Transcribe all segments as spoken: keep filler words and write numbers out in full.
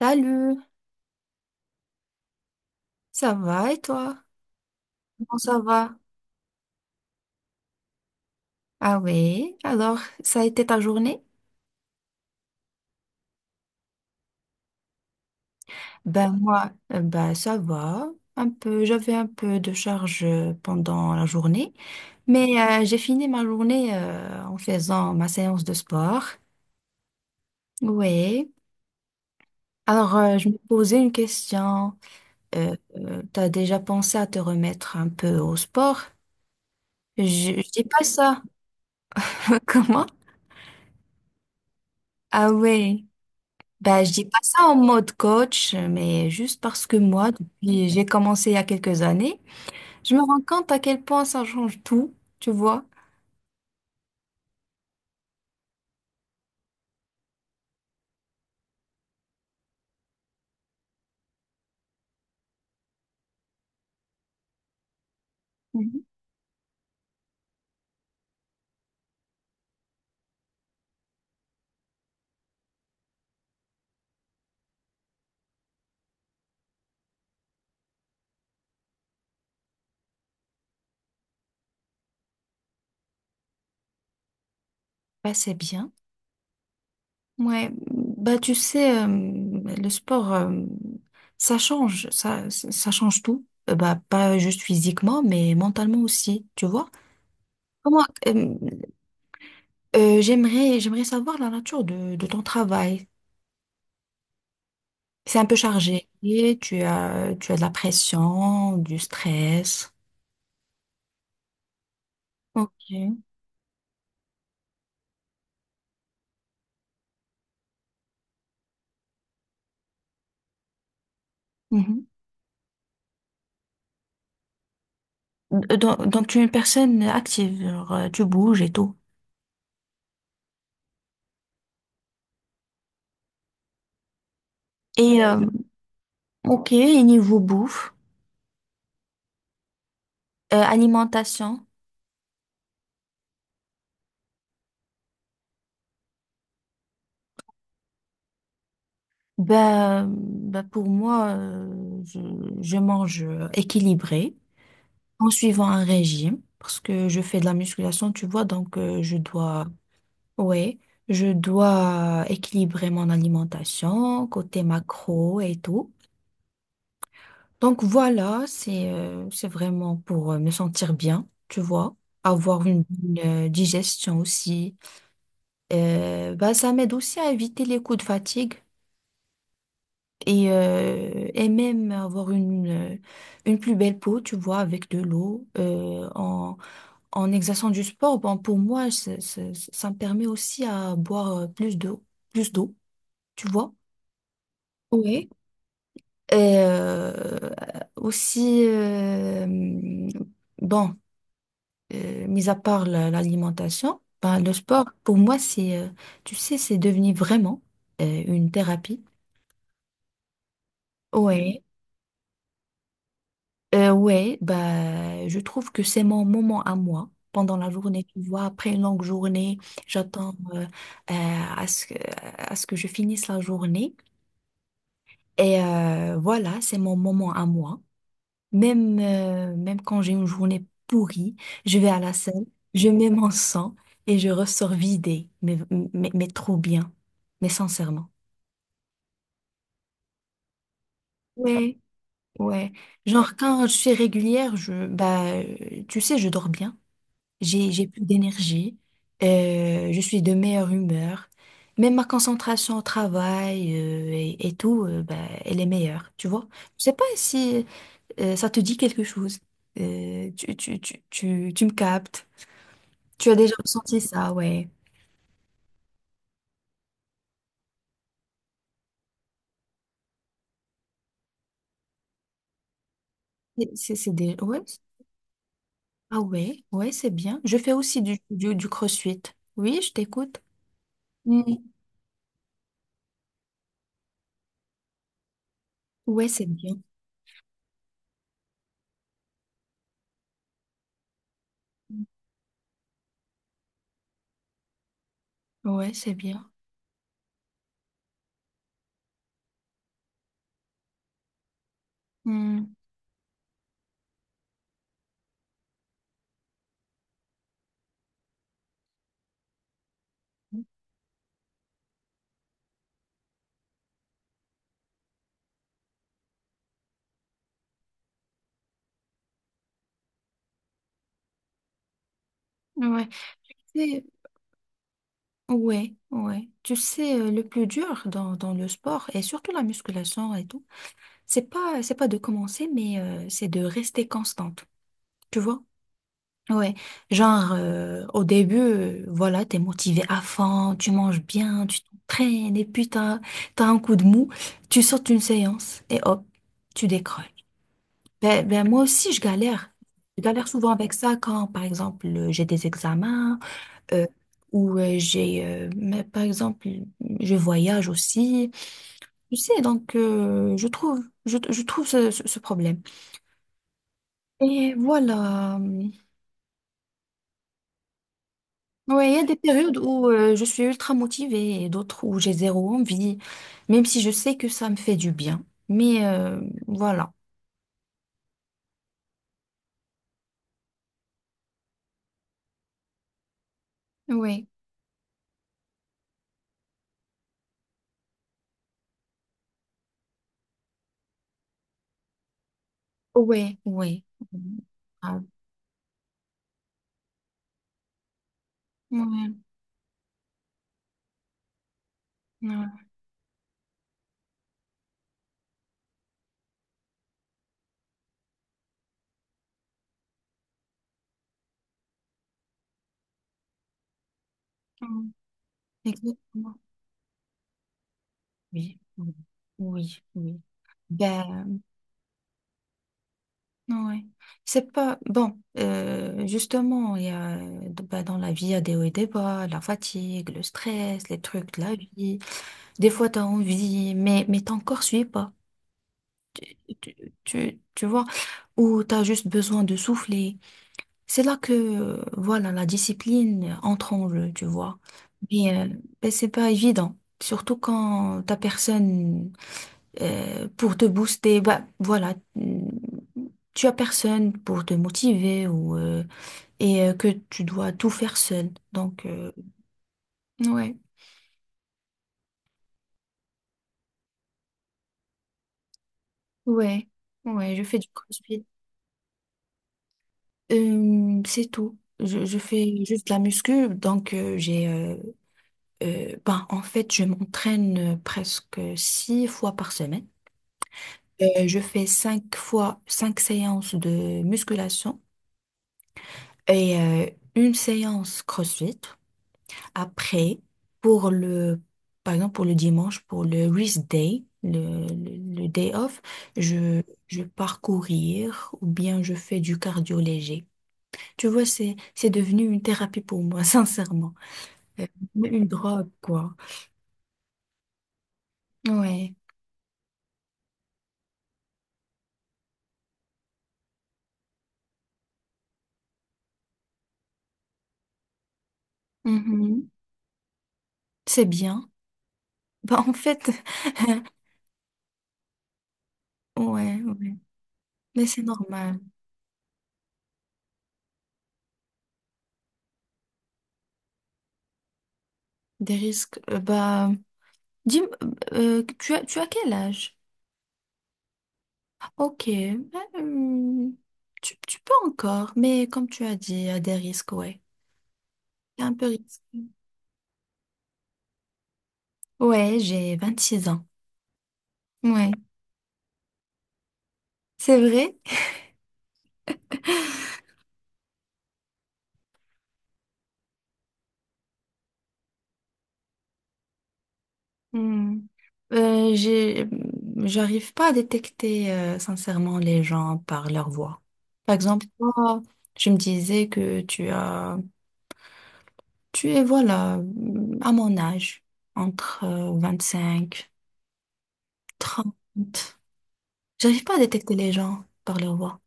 Salut, ça va et toi? Bon, ça va. Ah oui, alors, ça a été ta journée? Ben moi, euh, ben ça va. Un peu, j'avais un peu de charge euh, pendant la journée, mais euh, j'ai fini ma journée euh, en faisant ma séance de sport. Oui. Alors, euh, je me posais une question. Euh, euh, t'as déjà pensé à te remettre un peu au sport? Je, je dis pas ça. Comment? Ah oui. Bah je dis pas ça en mode coach, mais juste parce que moi, depuis j'ai commencé il y a quelques années, je me rends compte à quel point ça change tout, tu vois. Mhm. Bah, c'est bien. Ouais, bah tu sais, euh, le sport, euh, ça change, ça, ça ça change tout. Euh, bah, pas juste physiquement, mais mentalement aussi, tu vois. Comment, euh, euh, j'aimerais, j'aimerais savoir la nature de, de ton travail. C'est un peu chargé, tu as, tu as de la pression, du stress. Ok. Mhm. Euh, Donc, donc, tu es une personne active, genre, euh, tu bouges et tout. Et euh, ok, et niveau bouffe, euh, alimentation, ben, ben, pour moi, euh, je, je mange euh, équilibré en suivant un régime parce que je fais de la musculation, tu vois, donc euh, je dois, ouais, je dois équilibrer mon alimentation côté macro et tout. Donc voilà, c'est euh, c'est vraiment pour euh, me sentir bien, tu vois, avoir une bonne euh, digestion aussi. Euh, bah, ça m'aide aussi à éviter les coups de fatigue et, euh, et même avoir une, euh, une plus belle peau, tu vois, avec de l'eau. Euh, en, en exerçant du sport, bon, pour moi, c'est- c'est- ça me permet aussi à boire euh, plus d'eau, plus d'eau, tu vois. Oui. Et euh, aussi, euh, bon. Euh, mis à part la- l'alimentation, ben, le sport, pour moi, c'est, euh, tu sais, c'est devenu vraiment euh, une thérapie. Ouais, euh, ouais, bah, je trouve que c'est mon moment à moi pendant la journée, tu vois, après une longue journée, j'attends euh, euh, à ce que, à ce que je finisse la journée. Et euh, voilà, c'est mon moment à moi. Même, euh, même quand j'ai une journée pourrie, je vais à la salle, je mets mon sang et je ressors vidée, mais, mais, mais trop bien, mais sincèrement. Ouais, ouais. Genre quand je suis régulière, je, bah, euh, tu sais, je dors bien, j'ai, j'ai plus d'énergie, euh, je suis de meilleure humeur, même ma concentration au travail, euh, et, et tout, euh, bah, elle est meilleure, tu vois. Je sais pas si, euh, ça te dit quelque chose. Euh, tu, tu, tu, tu, tu me captes. Tu as déjà ressenti ça, ouais. Et C'est c'est des. Ouais. Ah ouais, ouais, c'est bien. Je fais aussi du, du, du crossfit. Oui, je t'écoute. Mm. Ouais, c'est bien. Ouais, c'est bien. Mm. Ouais. C'est- Ouais, ouais. Tu sais, euh, le plus dur dans, dans le sport, et surtout la musculation et tout, c'est pas, c'est pas de commencer, mais euh, c'est de rester constante. Tu vois? Ouais, genre euh, au début, euh, voilà, t'es motivé à fond, tu manges bien, tu t'entraînes, et puis t'as, t'as un coup de mou, tu sors d'une séance et hop, tu décroches. Ben, ben, moi aussi, je galère. Je galère souvent avec ça quand, par exemple, euh, j'ai des examens euh, ou euh, j'ai, euh, mais par exemple, je voyage aussi. Tu sais, donc euh, je trouve, je, je trouve ce, ce ce problème. Et voilà. euh, Ouais, il y a des périodes où euh, je suis ultra motivée et d'autres où j'ai zéro envie, même si je sais que ça me fait du bien. Mais euh, voilà. Oui, oui, oui. Ah, ouais, ouais, ouais. Exactement. Oui, oui, oui, oui. Ben, ouais. C'est pas. Bon, euh, justement, il y a, ben, dans la vie, il y a des hauts et des bas, la fatigue, le stress, les trucs de la vie. Des fois, tu as envie, mais, mais ton corps suit pas. tu, tu, tu vois, où tu as juste besoin de souffler. C'est là que, euh, voilà, la discipline entre en jeu, tu vois. Mais, euh, ben, c'est pas évident. Surtout quand t'as personne euh, pour te booster, bah voilà, mm, tu as personne pour te motiver ou euh, et euh, que tu dois tout faire seul. Donc euh, ouais, ouais, ouais, je fais du crossfit. Euh, c'est tout. Je, je fais juste la muscu, donc euh, j'ai euh, Euh, ben, en fait, je m'entraîne euh, presque six fois par semaine. Euh, je fais cinq fois, cinq séances de musculation et euh, une séance CrossFit. Après, pour le, par exemple, pour le dimanche, pour le rest day, le, le- le day off, je, je pars courir ou bien je fais du cardio léger. Tu vois, c'est, c'est devenu une thérapie pour moi, sincèrement. Euh, Une drogue, quoi. Ouais. Mhm. C'est bien. Bah, en fait, ouais, ouais. Mais c'est normal. Des risques. Euh, Bah, dis, euh, tu as, tu as quel âge? Ok. Bah, hum, tu, tu peux encore, mais comme tu as dit, il y a des risques, ouais. C'est un peu risqué. Ouais, j'ai vingt-six ans. Ouais. C'est vrai? Hmm. Euh, j'ai, J'arrive pas à détecter, euh, sincèrement, les gens par leur voix. Par exemple, toi, je me disais que tu as tu es, voilà, à mon âge, entre euh, vingt-cinq, trente. J'arrive pas à détecter les gens par leur voix.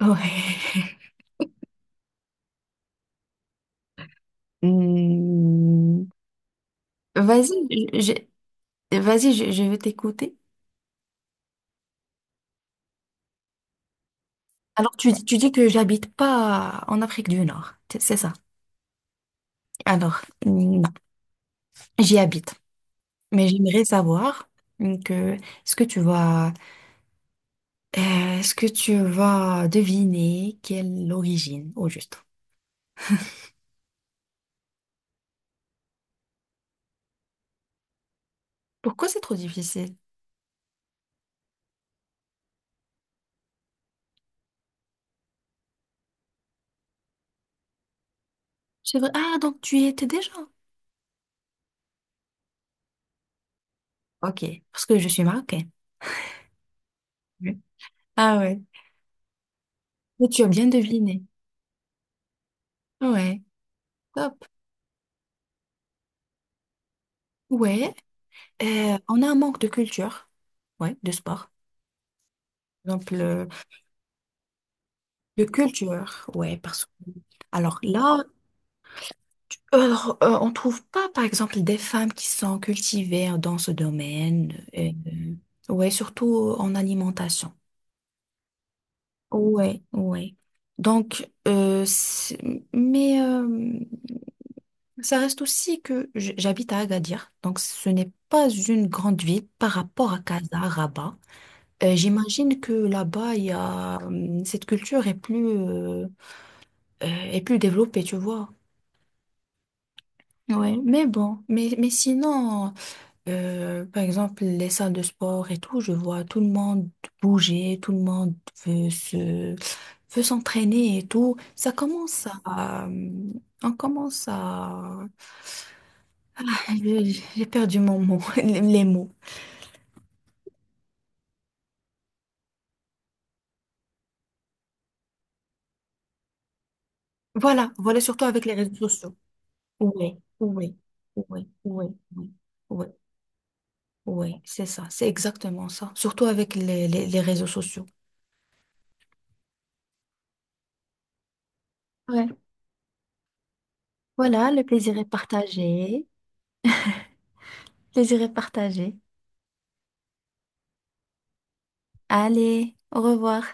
Ouais. Hmm. Vas-y, je- je- Vas-y, je, je vais t'écouter. Alors, tu, dis- tu dis que j'habite pas en Afrique du Nord, c'est c'est ça. Alors, hmm, non, j'y habite. Mais j'aimerais savoir hmm, que est-ce que tu vas euh, est-ce que tu vas deviner quelle origine au juste. Pourquoi c'est trop difficile? C'est vrai. Ah, donc tu y étais déjà? Ok, parce que je suis marocaine. Oui. Ah ouais. Mais tu as bien deviné. Ouais, top. Ouais, euh, on a un manque de culture. Ouais, de sport. Par exemple, euh, de culture. Ouais, parce que. Alors là, alors, euh, on trouve pas, par exemple, des femmes qui sont cultivées dans ce domaine. Et, euh, ouais, surtout en alimentation. Ouais, ouais. Donc, euh, c'est- mais... euh, Ça reste aussi que j- j'habite à Agadir, donc ce n'est pas une grande ville par rapport à Casa, Rabat. Euh, j'imagine que là-bas, il y a hum, cette culture est plus euh, euh, est plus développée, tu vois. Ouais, mais bon, mais mais sinon, euh, par exemple, les salles de sport et tout, je vois tout le monde bouger, tout le monde veut se veut s'entraîner et tout. Ça commence à hum, on commence à j'ai j'ai perdu mon mot, les mots. Voilà, voilà, surtout avec les réseaux sociaux. Oui, oui, oui, oui, oui, oui, oui, c'est ça, c'est exactement ça. Surtout avec les, les, les réseaux sociaux. Ouais. Voilà, le plaisir est partagé. Plaisir est partagé. Allez, au revoir.